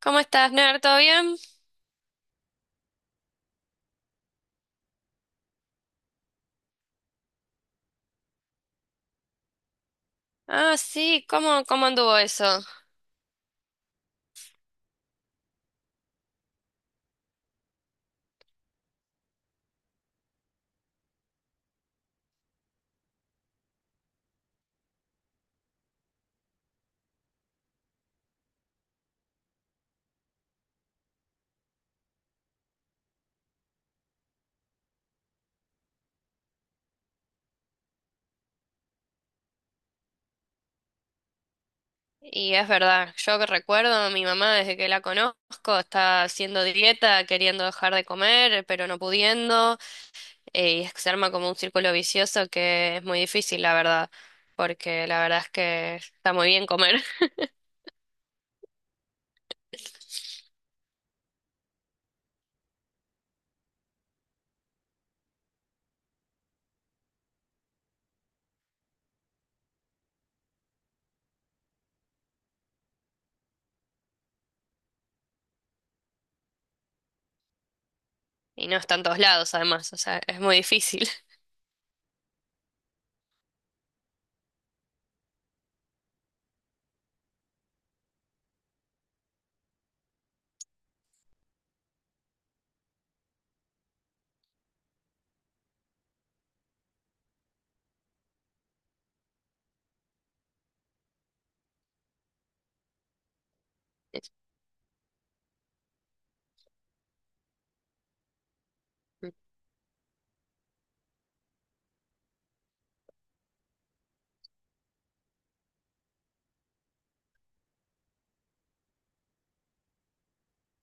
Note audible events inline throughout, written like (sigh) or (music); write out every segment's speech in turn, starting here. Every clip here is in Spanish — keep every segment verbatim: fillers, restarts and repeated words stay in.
¿Cómo estás, Ner? ¿Todo bien? Ah, sí, ¿cómo, cómo anduvo eso? Y es verdad, yo que recuerdo, a mi mamá desde que la conozco está haciendo dieta, queriendo dejar de comer, pero no pudiendo. Eh, y es que se arma como un círculo vicioso que es muy difícil, la verdad, porque la verdad es que está muy bien comer. (laughs) Y no está en todos lados, además, o sea, es muy difícil. (laughs)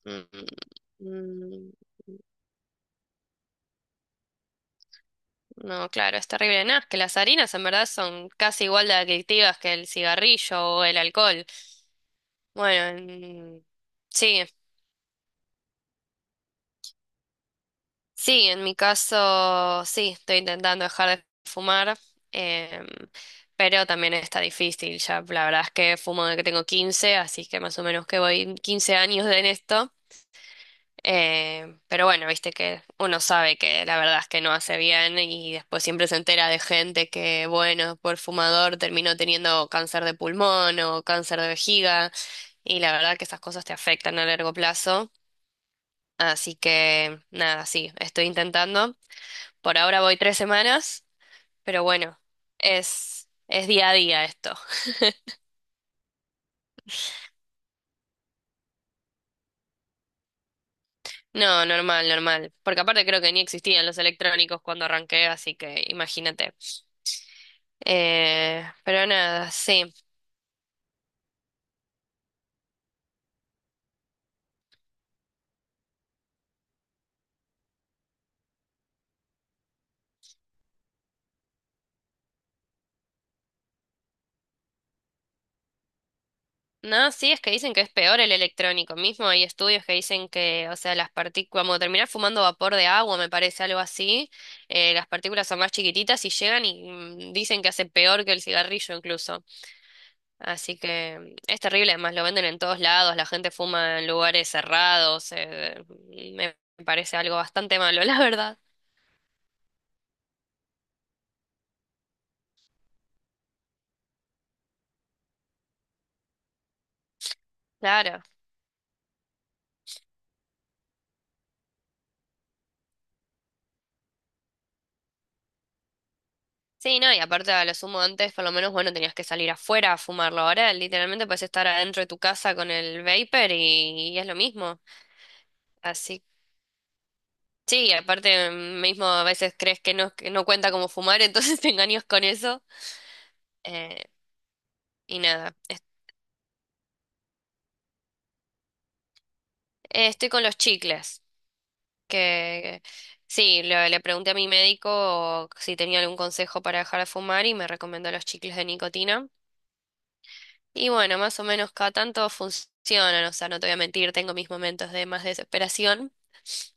Mm, mm. No, claro, es terrible. Nada, es que las harinas en verdad son casi igual de adictivas que el cigarrillo o el alcohol. Bueno, en- sí, sí, en mi caso sí, estoy intentando dejar de fumar. em, pero también está difícil. Ya la verdad es que fumo desde que tengo quince, así que más o menos que voy quince años en esto. Eh, pero bueno, viste que uno sabe que la verdad es que no hace bien, y después siempre se entera de gente que, bueno, por fumador terminó teniendo cáncer de pulmón o cáncer de vejiga, y la verdad que esas cosas te afectan a largo plazo. Así que nada, sí, estoy intentando. Por ahora voy tres semanas, pero bueno, es, es día a día esto. No, normal, normal. Porque aparte creo que ni existían los electrónicos cuando arranqué, así que imagínate. Eh, pero nada, sí. No, sí, es que dicen que es peor el electrónico mismo. Hay estudios que dicen que, o sea, las partículas, como terminar fumando vapor de agua, me parece algo así. Eh, las partículas son más chiquititas y llegan, y mm, dicen que hace peor que el cigarrillo incluso. Así que mm, es terrible, además lo venden en todos lados, la gente fuma en lugares cerrados, eh, me parece algo bastante malo, (laughs) la verdad. Claro. Sí, no, y aparte a lo sumo antes, por lo menos, bueno, tenías que salir afuera a fumarlo. Ahora literalmente puedes estar adentro de tu casa con el vapor, y, y es lo mismo. Así, sí, aparte mm, mismo a veces crees que no, que no cuenta como fumar, (laughs) entonces te engañas con eso. Eh, y nada, Es- eh, estoy con los chicles, que sí, le, le pregunté a mi médico si tenía algún consejo para dejar de fumar y me recomendó los chicles de nicotina. Y bueno, más o menos cada tanto funcionan, o sea, no te voy a mentir, tengo mis momentos de más desesperación,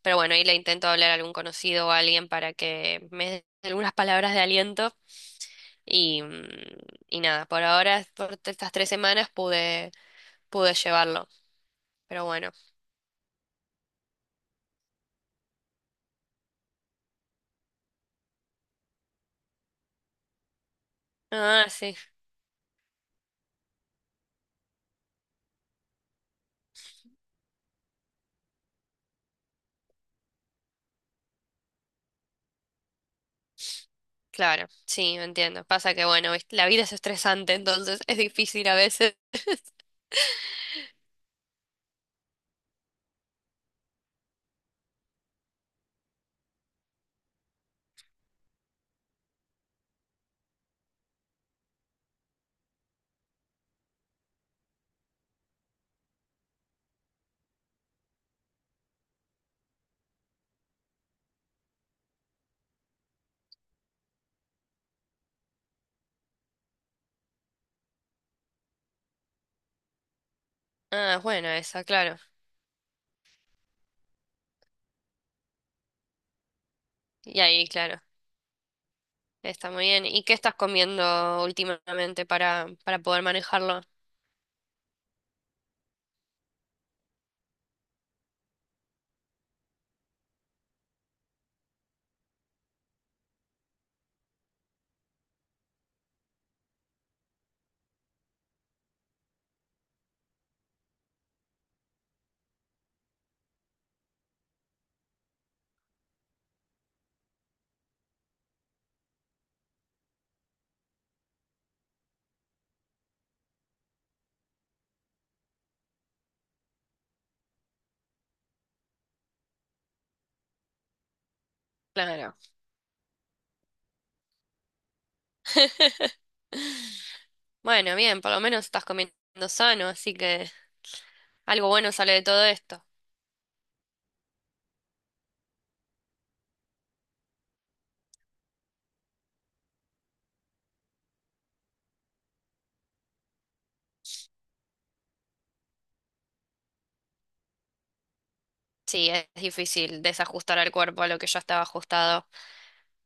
pero bueno, ahí le intento hablar a algún conocido o a alguien para que me dé algunas palabras de aliento y, mm, y nada. Por ahora, por estas tres semanas pude, pude llevarlo, pero bueno. Ah, sí, claro, sí, entiendo. Pasa que bueno, viste, la vida es estresante, entonces es difícil a veces. (laughs) Ah, bueno, esa, claro. Y ahí, claro. Está muy bien. ¿Y qué estás comiendo últimamente para, para poder manejarlo? Claro. (laughs) Bueno, bien, por lo menos estás comiendo sano, así que algo bueno sale de todo esto. Sí, es difícil desajustar al cuerpo a lo que ya estaba ajustado,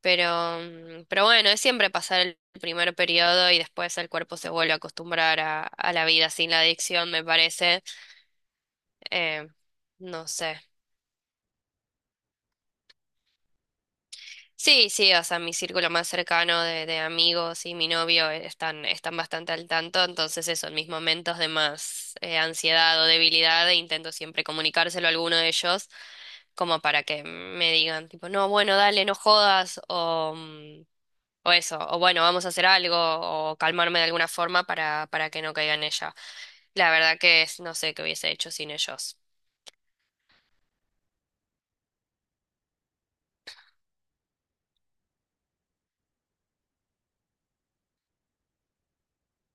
pero, mm, pero bueno, es siempre pasar el primer periodo y después el cuerpo se vuelve a acostumbrar a, a la vida sin la adicción, me parece. Eh, no sé. Sí, sí, o sea, mi círculo más cercano de, de amigos y mi novio eh, están, están bastante al tanto, entonces eso, en mis momentos de más eh, ansiedad o debilidad, intento siempre comunicárselo a alguno de ellos, como para que me digan, tipo, no, bueno, dale, no jodas, o, mm, o eso, o bueno, vamos a hacer algo, o calmarme de alguna forma para, para que no caiga en ella. La verdad que es, no sé qué hubiese hecho sin ellos.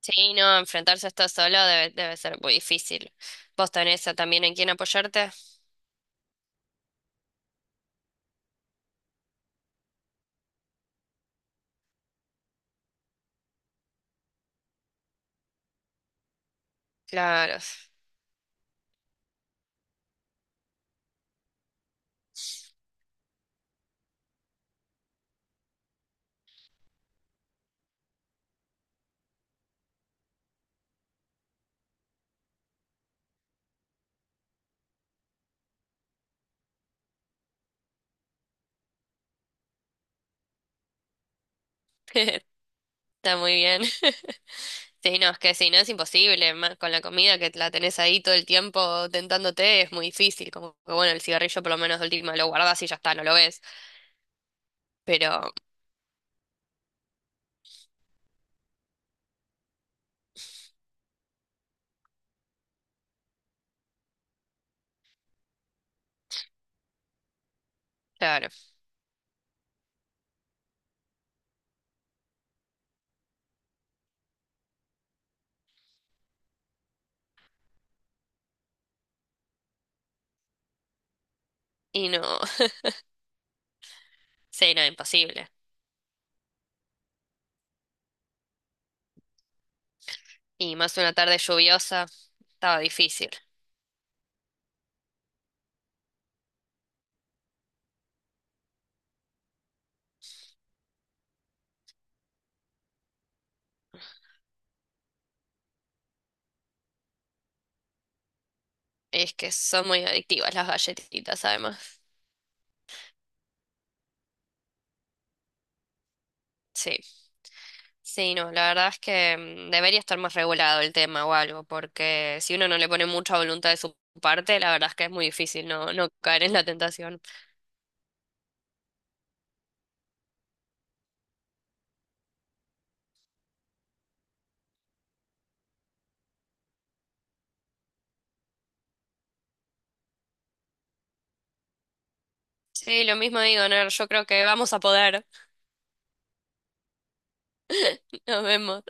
Sí, no, enfrentarse a esto solo debe, debe ser muy difícil. ¿Vos tenés a- también en quién apoyarte? Claro, (laughs) está muy bien. (laughs) Sí, no, es que si no es imposible, ma- con la comida que la tenés ahí todo el tiempo tentándote es muy difícil, como que bueno, el cigarrillo por lo menos de última lo guardás y ya está, no lo ves, pero claro, y no, (laughs) sí, no, imposible. Y más una tarde lluviosa, estaba difícil. Es que son muy adictivas las galletitas, además. Sí. Sí, no, la verdad es que mm, debería estar más regulado el tema o algo, porque si uno no le pone mucha voluntad de su parte, la verdad es que es muy difícil no, no caer en la tentación. Sí, lo mismo digo, Ner, yo creo que vamos a poder. (laughs) Nos vemos.